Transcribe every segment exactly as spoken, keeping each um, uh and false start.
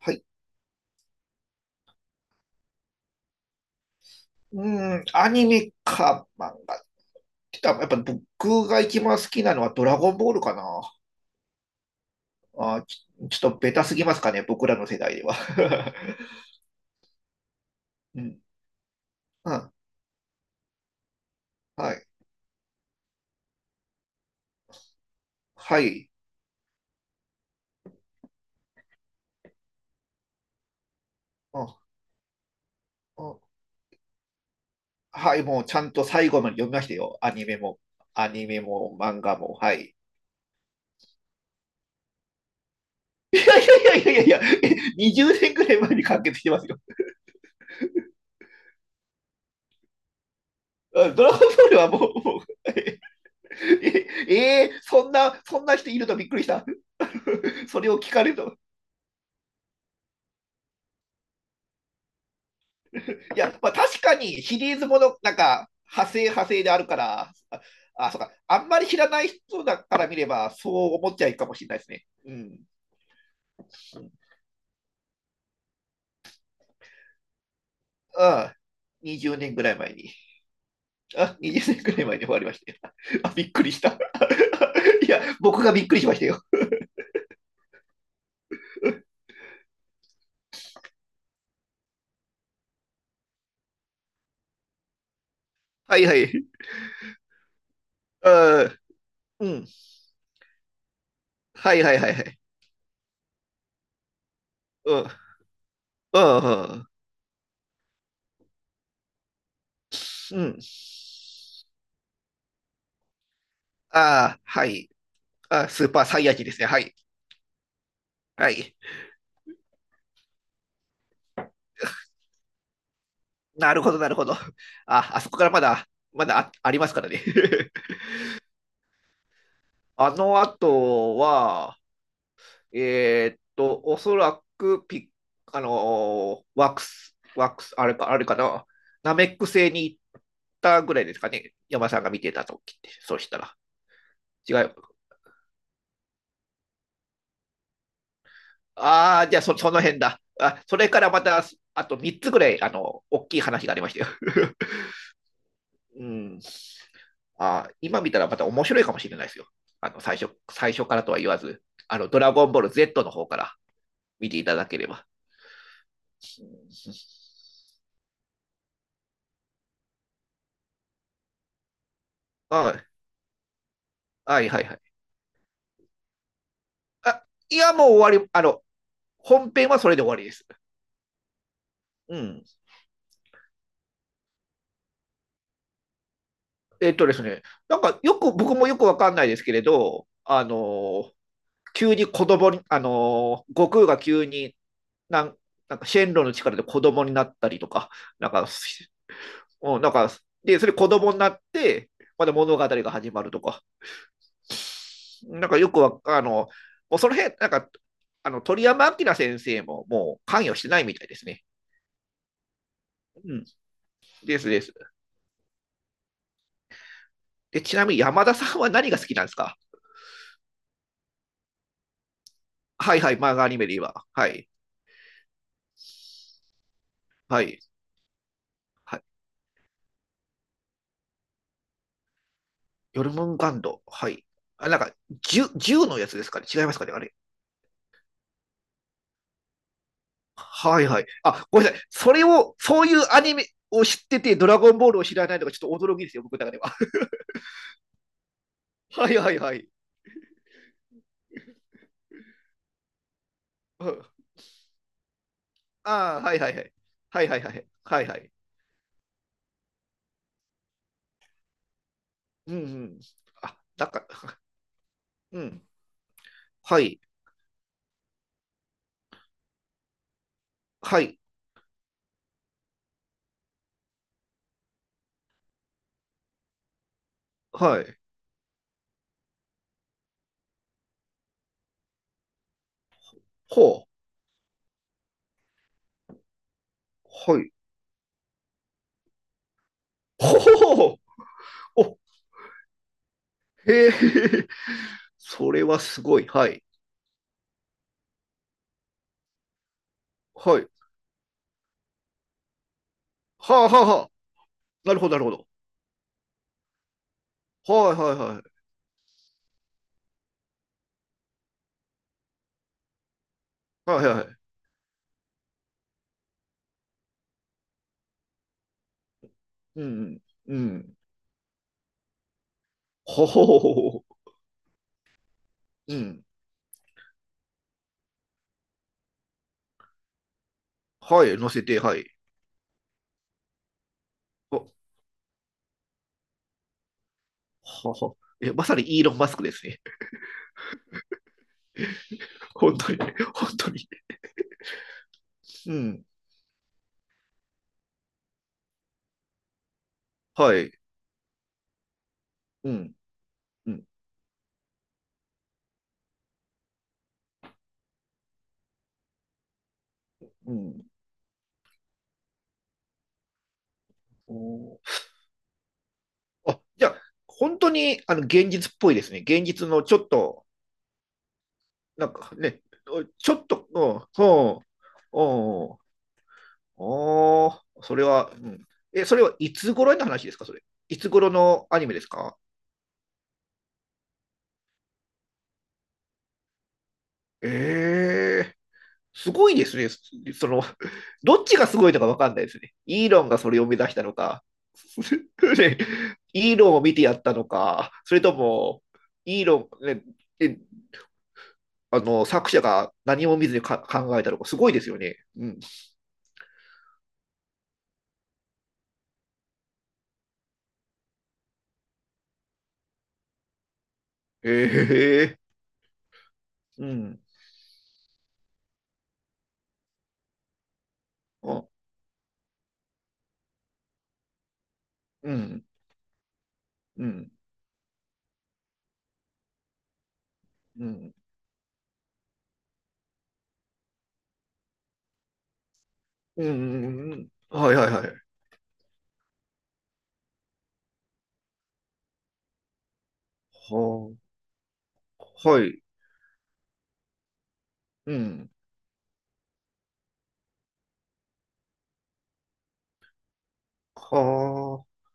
はい。うーん、アニメか漫画って言ったら、やっぱ僕が一番好きなのはドラゴンボールかな。あー、ち、ちょっとベタすぎますかね、僕らの世代では。うん、うん、はい、はい、うん、うん、はい、もうちゃんと最後まで読みましたよ。アニメも、アニメも漫画も、はい。いやいやいやいやいや、えにじゅうねんぐらい前に完結してますよ。うん、ドラゴンボールはもう、もうえ、ええーそんな、そんな人いるとびっくりした。それを聞かれると。いや、まあ、確かにシリーズもの、なんか、派生派生であるから、あ、あそうか、あんまり知らない人だから見れば、そう思っちゃいいかもしれないですね。うん。ああ、にじゅうねんぐらい前に。あ、にじゅうねんぐらい前に終わりましたよ。あ、びっくりした。いや、僕がびっくりしましたよ。はいはい。あ、うん。はいはいはいはい。うん。うん。うん。うん、ああ、はい。あ、スーパーサイヤ人ですね。はい。はい。なるほど、なるほど。あ、あそこからまだ、まだあ、ありますからね。あの後は、えーっと、おそらくピッ、あのーワックス、ワックス、あれか、あれかな、ナメック星に行ったぐらいですかね。山さんが見てた時って、そうしたら。違う。ああ、じゃあそ、その辺だ。あ、それからまた、あとみっつぐらい、あの、大きい話がありましたよ。うん。あ、今見たらまた面白いかもしれないですよ。あの最初最初からとは言わず、あのドラゴンボール ゼット の方から見ていただければ。はいはいはいはい。あ、いや、もう終わり、あの、本編はそれで終わりです。うん。えっとですね、なんかよく、僕もよくわかんないですけれど、あの急に子供に、あの悟空が急になん、なんかシェンロンの力で子供になったりとか、なんか、うん、なんか、で、それ子供になって、まだ物語が始まるとか、なんかよくわあの、もうその辺、なんか、あの鳥山明先生ももう関与してないみたいですね。うん、ですです。で、ちなみに山田さんは何が好きなんですか？はいはい、漫画アニメで言えば。はい、はい、はい。ヨルムンガンド。はい。あ、なんか、銃、銃のやつですかね？違いますかね？あれ。はいはい。あ、ごめんなさい。それを、そういうアニメを知ってて、ドラゴンボールを知らないのがちょっと驚きですよ、僕の中では。はいはいはい。うん、ああ、はいはいはい。はいはいはい。はいはい。うん、うん。あ、だから、うん。はい。はい。はい。ほう。はい。ほう。お、へえ。それはすごい。はい。はい。はあはあはあ。なるほど、なるほど。はいはいはい。はいはいはい。うん、うん。うん。ほほほほほ、うん。はい。乗せて、はい。お、はは。え、まさにイーロン・マスクですね。本当に、本当に。うん。はい。うん。うん。うん。お、あ、じゃあ、本当にあの現実っぽいですね。現実のちょっと、なんかね、ちょっと、うん、うん、うん、おー、それは、うん。え、それはいつ頃の話ですか、それ？いつ頃のアニメですか？ええすごいですね。その、どっちがすごいのかわかんないですね。イーロンがそれを目指したのか、ね、イーロンを見てやったのか、それとも、イーロン、ね、えあの、作者が何も見ずにか考えたとか、すごいですよね。うん。ええーうん。あ、うん、うん、うん、うん、うん、うん。はいはいはい。はあ、はい。うん。はあ、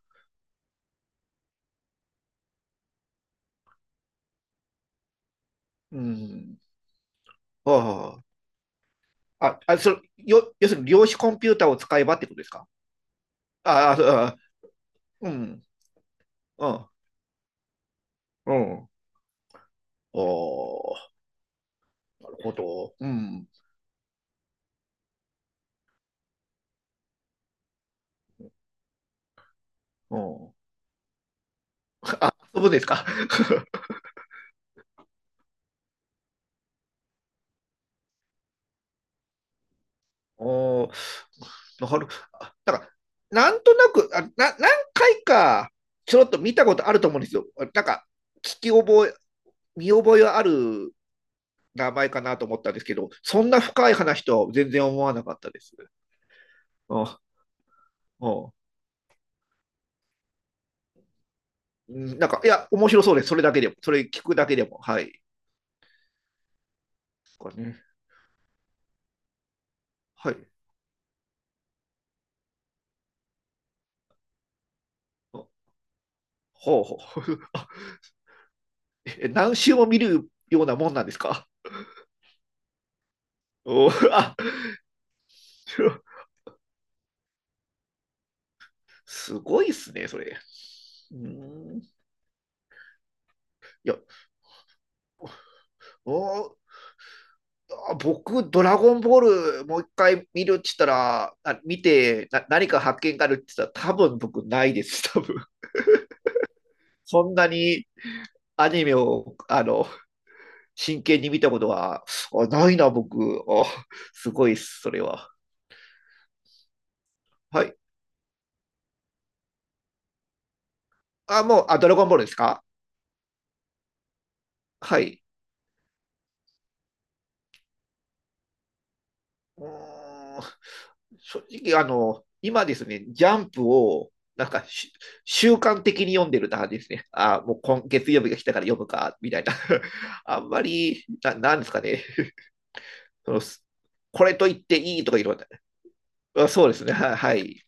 うん。はあ。あ、あ、それ、よ、要するに量子コンピューターを使えばってことですか？ああ、そうあ、うん、うん、うん。ああ、なるほど。うん、うん。そうですか。おる。だから、なんとなく、あな何回かちょろっと見たことあると思うんですよ。なんか、聞き覚え、見覚えはある名前かなと思ったんですけど、そんな深い話とは全然思わなかったです。うん、うん、なんか、いや、面白そうです。それだけでも、それ聞くだけでも。はい。これね、はい。ほうほう 何周も見るようなもんなんですか？お、あ すごいっすね、それ。うん、いや、お、あ、僕、ドラゴンボールもういっかい見るって言ったら、あ、見てな、何か発見があるって言ったら、多分僕ないです、多分。そんなにアニメをあの真剣に見たことは、あ、ないな、僕。あ、すごいっす、それは。はい。あ、もう、あ、ドラゴンボールですか？はい。うーん、正直、あの、今ですね、ジャンプを、なんかし、習慣的に読んでるなですね。あ、もう今月曜日が来たから読むか、みたいな。あんまり、ななんですかね。その、これと言っていいとか言うのは、あ、そうですね。はい。